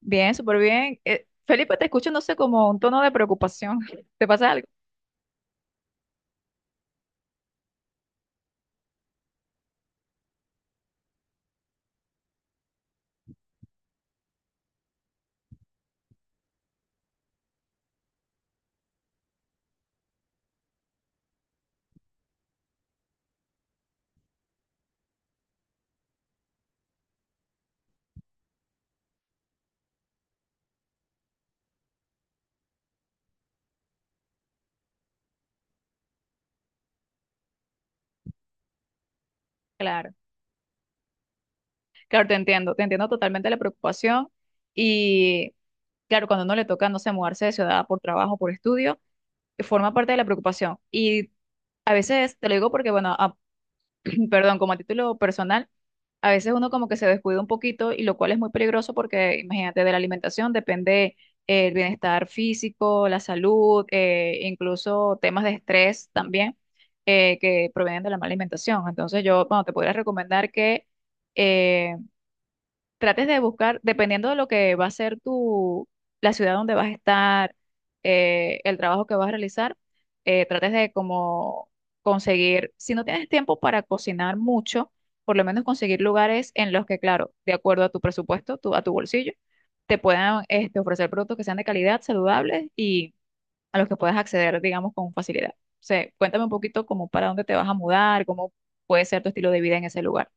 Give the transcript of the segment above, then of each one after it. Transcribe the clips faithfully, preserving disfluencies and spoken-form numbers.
Bien, súper bien. Eh, Felipe, te escucho, no sé, como un tono de preocupación. ¿Te pasa algo? Claro, claro, te entiendo, te entiendo totalmente la preocupación. Y claro, cuando a uno le toca, no sé, mudarse de ciudad por trabajo, por estudio, forma parte de la preocupación. Y a veces, te lo digo porque, bueno, perdón, como a título personal, a veces uno como que se descuida un poquito y lo cual es muy peligroso porque imagínate, de la alimentación depende eh, el bienestar físico, la salud, eh, incluso temas de estrés también eh, que provienen de la mala alimentación. Entonces yo, bueno, te podría recomendar que eh, trates de buscar, dependiendo de lo que va a ser tu, la ciudad donde vas a estar, eh, el trabajo que vas a realizar, eh, trates de como conseguir, si no tienes tiempo para cocinar mucho, por lo menos conseguir lugares en los que, claro, de acuerdo a tu presupuesto, tu- a tu bolsillo, te puedan este, ofrecer productos que sean de calidad, saludables y a los que puedas acceder, digamos, con facilidad. O sea, cuéntame un poquito como para dónde te vas a mudar, cómo puede ser tu estilo de vida en ese lugar.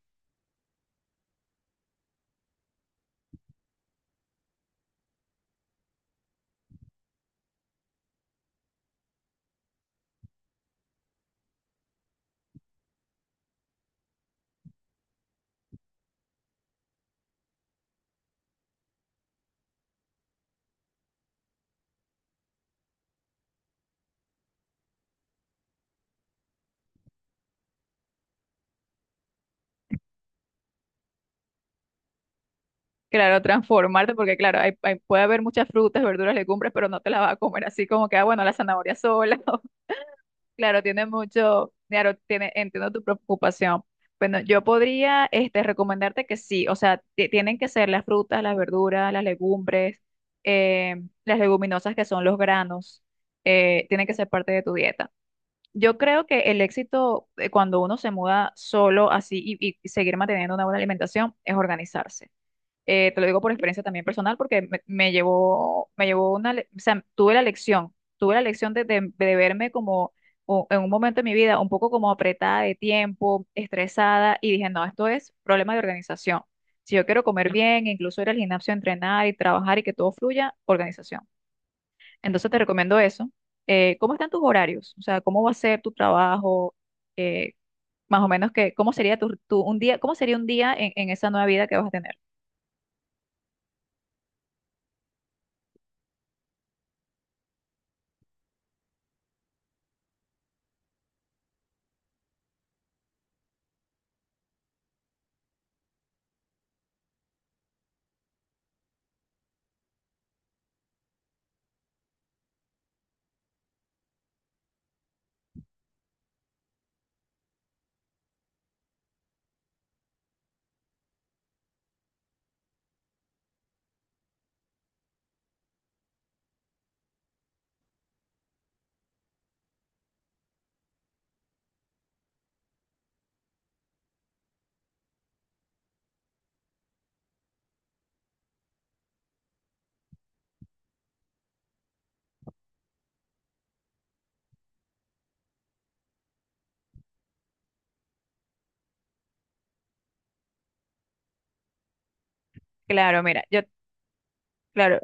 Claro, transformarte, porque claro, hay, hay- puede haber muchas frutas, verduras, legumbres, pero no te las vas a comer así como que, ah, bueno, la zanahoria sola. o- Claro, tiene mucho, claro, tiene, entiendo tu preocupación. Bueno, yo podría, este, recomendarte que sí, o sea, ti- tienen que ser las frutas, las verduras, las legumbres, eh, las leguminosas que son los granos, eh, tienen que ser parte de tu dieta. Yo creo que el éxito eh, cuando uno se muda solo así y y seguir manteniendo una buena alimentación es organizarse, eh, te lo digo por experiencia también personal, porque me, me llevó, me llevó una, le- o sea, tuve la lección, tuve la lección de, de- de verme como o- en un momento de mi vida un poco como apretada de tiempo, estresada, y dije, no, esto es problema de organización. Si yo quiero comer bien, incluso ir al gimnasio, a entrenar y trabajar y que todo fluya, organización. Entonces te recomiendo eso. Eh, ¿cómo están tus horarios? O sea, ¿cómo va a ser tu trabajo? Eh, más o menos que, ¿cómo sería tu, tu- un día, cómo sería un día en en esa nueva vida que vas a tener? Claro, mira, yo claro,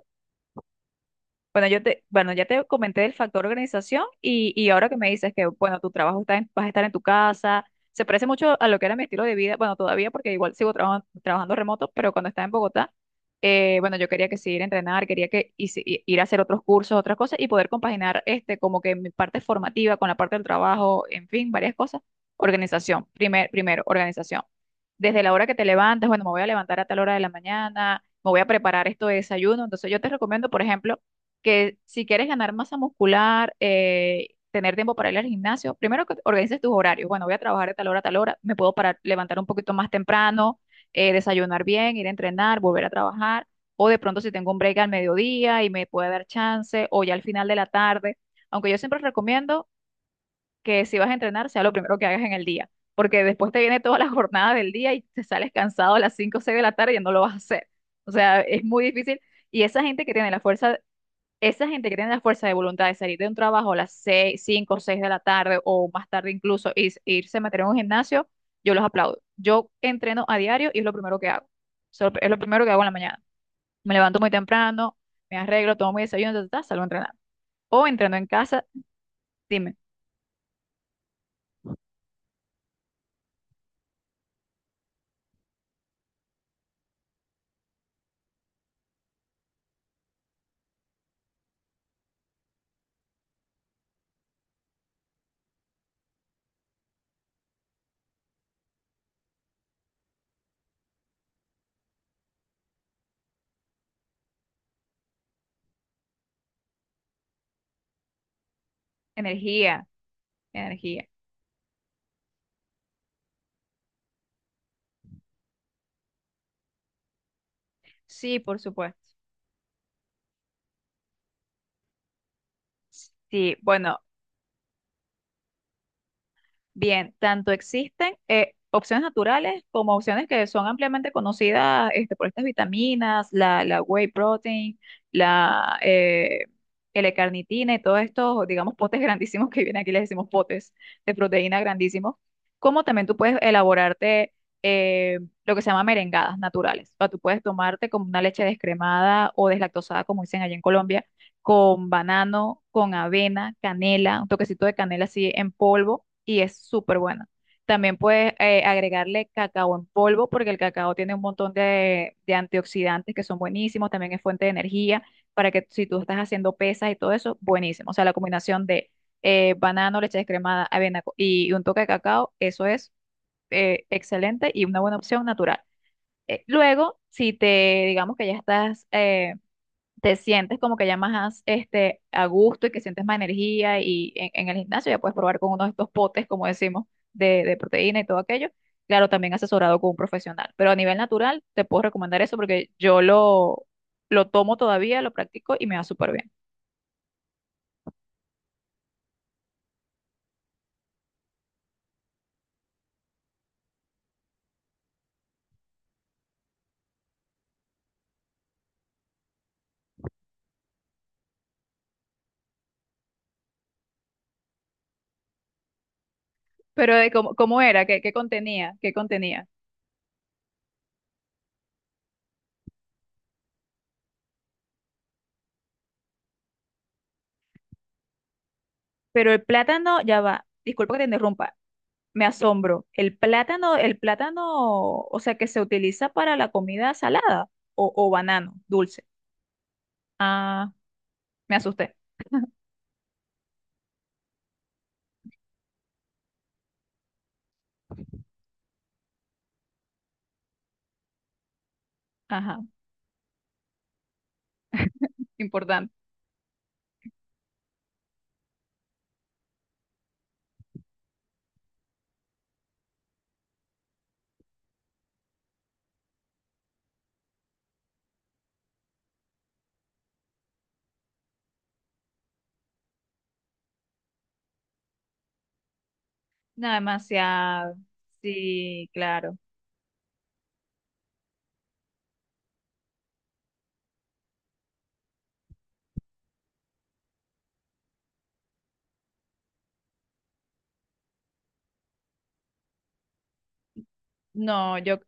bueno, yo te, bueno, ya te comenté del factor organización y, y ahora que me dices que, bueno, tu trabajo está en- vas a estar en tu casa, se parece mucho a lo que era mi estilo de vida, bueno, todavía porque igual sigo traba- trabajando remoto, pero cuando estaba en Bogotá, eh, bueno, yo quería que seguir a entrenar, quería que y si- y- ir a hacer otros cursos, otras cosas y poder compaginar este como que mi parte formativa con la parte del trabajo, en fin, varias cosas. Organización, primer, primero, organización desde la hora que te levantas, bueno, me voy a levantar a tal hora de la mañana, me voy a preparar esto de desayuno. Entonces yo te recomiendo, por ejemplo, que si quieres ganar masa muscular, eh, tener tiempo para ir al gimnasio, primero que organices tus horarios. Bueno, voy a trabajar de tal hora a tal hora, me puedo parar, levantar un poquito más temprano, eh, desayunar bien, ir a entrenar, volver a trabajar. O de pronto si tengo un break al mediodía y me puede dar chance, o ya al final de la tarde. Aunque yo siempre recomiendo que si vas a entrenar sea lo primero que hagas en el día, porque después te viene toda la jornada del día y te sales cansado a las cinco o seis de la tarde y ya no lo vas a hacer. O sea, es muy difícil. Y esa gente que tiene la fuerza, esa gente que tiene la fuerza de voluntad de salir de un trabajo a las seis cinco o seis de la tarde o más tarde incluso y s- irse a meter en un gimnasio, yo los aplaudo. Yo entreno a diario y es lo primero que hago. So, es lo primero que hago en la mañana. Me levanto muy temprano, me arreglo, tomo mi desayuno, ta, ta, ta, salgo a entrenar. O entreno en casa, dime, energía, energía. Sí, por supuesto. Sí, bueno, bien, tanto existen eh, opciones naturales como opciones que son ampliamente conocidas este, por estas vitaminas, la, la whey protein, la eh, L-carnitina y todos estos, digamos, potes grandísimos que vienen aquí, les decimos potes de proteína grandísimos, como también tú puedes elaborarte eh, lo que se llama merengadas naturales. O sea, tú puedes tomarte como una leche descremada o deslactosada, como dicen allá en Colombia, con banano, con avena, canela, un toquecito de canela así en polvo y es súper buena. También puedes eh, agregarle cacao en polvo porque el cacao tiene un montón de, de antioxidantes que son buenísimos, también es fuente de energía para que si tú estás haciendo pesas y todo eso, buenísimo. O sea, la combinación de eh, banano, leche descremada, avena co- y un toque de cacao, eso es eh, excelente y una buena opción natural. Eh, luego, si te digamos que ya estás eh, te sientes como que ya más este, a gusto y que sientes más energía y en, en el gimnasio ya puedes probar con uno de estos potes, como decimos, de, de proteína y todo aquello. Claro, también asesorado con un profesional, pero a nivel natural te puedo recomendar eso porque yo lo, lo tomo todavía, lo practico y me va súper bien. Pero de cómo, cómo era, ¿qué, qué contenía, qué contenía? Pero el plátano, ya va, disculpa que te interrumpa, me asombro. El plátano, el plátano, o sea, que se utiliza para la comida salada o, o banano, dulce. Ah, me asusté. Ajá, importante. No, demasiado. Sí, claro. No, yo,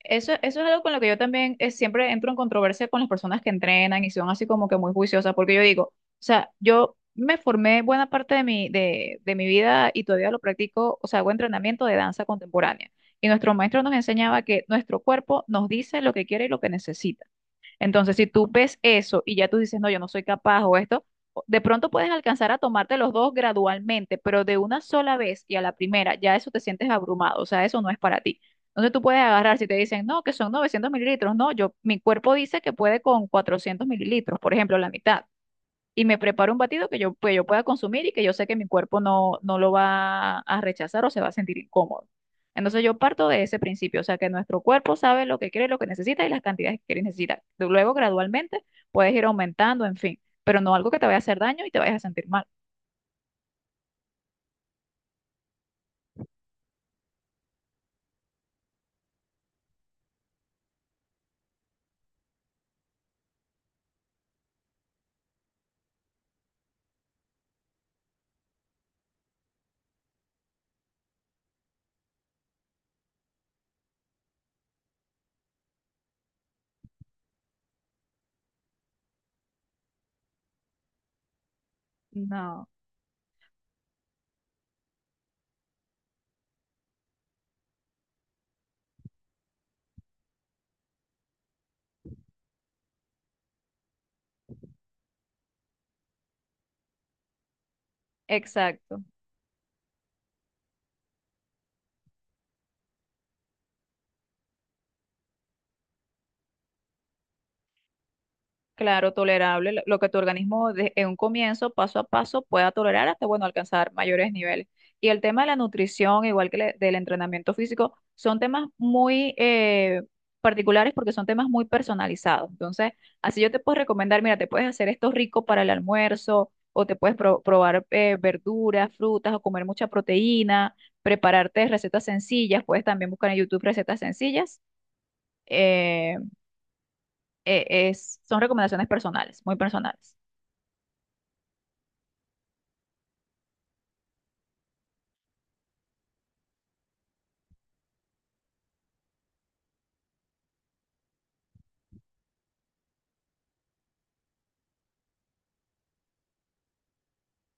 eso, eso es algo con lo que yo también eh, siempre entro en controversia con las personas que entrenan y son así como que muy juiciosas, porque yo digo, o sea, yo me formé buena parte de mi, de, de mi vida y todavía lo practico, o sea, hago entrenamiento de danza contemporánea. Y nuestro maestro nos enseñaba que nuestro cuerpo nos dice lo que quiere y lo que necesita. Entonces, si tú ves eso y ya tú dices, no, yo no soy capaz o esto, o- de pronto puedes alcanzar a tomarte los dos gradualmente, pero de una sola vez y a la primera, ya eso te sientes abrumado, o sea, eso no es para ti. Entonces tú puedes agarrar, si te dicen, no, que son novecientos mililitros, no, yo, mi cuerpo dice que puede con cuatrocientos mililitros, por ejemplo, la mitad y me preparo un batido que yo, pues, yo pueda consumir y que yo sé que mi cuerpo no, no lo va a rechazar o se va a sentir incómodo. Entonces yo parto de ese principio, o sea que nuestro cuerpo sabe lo que quiere, lo que necesita y las cantidades que quiere y necesita. Luego gradualmente puedes ir aumentando, en fin, pero no algo que te vaya a hacer daño y te vayas a sentir mal. No, exacto. Claro, tolerable, lo lo que tu organismo de- en un comienzo, paso a paso, pueda tolerar hasta, bueno, alcanzar mayores niveles. Y el tema de la nutrición, igual que le- del entrenamiento físico, son temas muy eh, particulares porque son temas muy personalizados. Entonces, así yo te puedo recomendar, mira, te puedes hacer esto rico para el almuerzo o te puedes pro- probar eh, verduras, frutas o comer mucha proteína, prepararte recetas sencillas, puedes también buscar en YouTube recetas sencillas. Eh, eh, es, son recomendaciones personales, muy personales.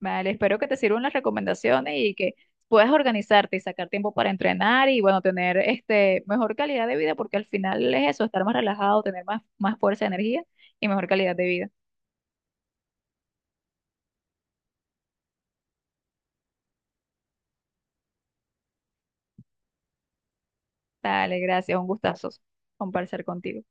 Vale, espero que te sirvan las recomendaciones y que puedas organizarte y sacar tiempo para entrenar y bueno, tener este mejor calidad de vida, porque al final es eso, estar más relajado, tener más, más fuerza, energía y mejor calidad de vida. Dale, gracias, un gustazo conversar contigo.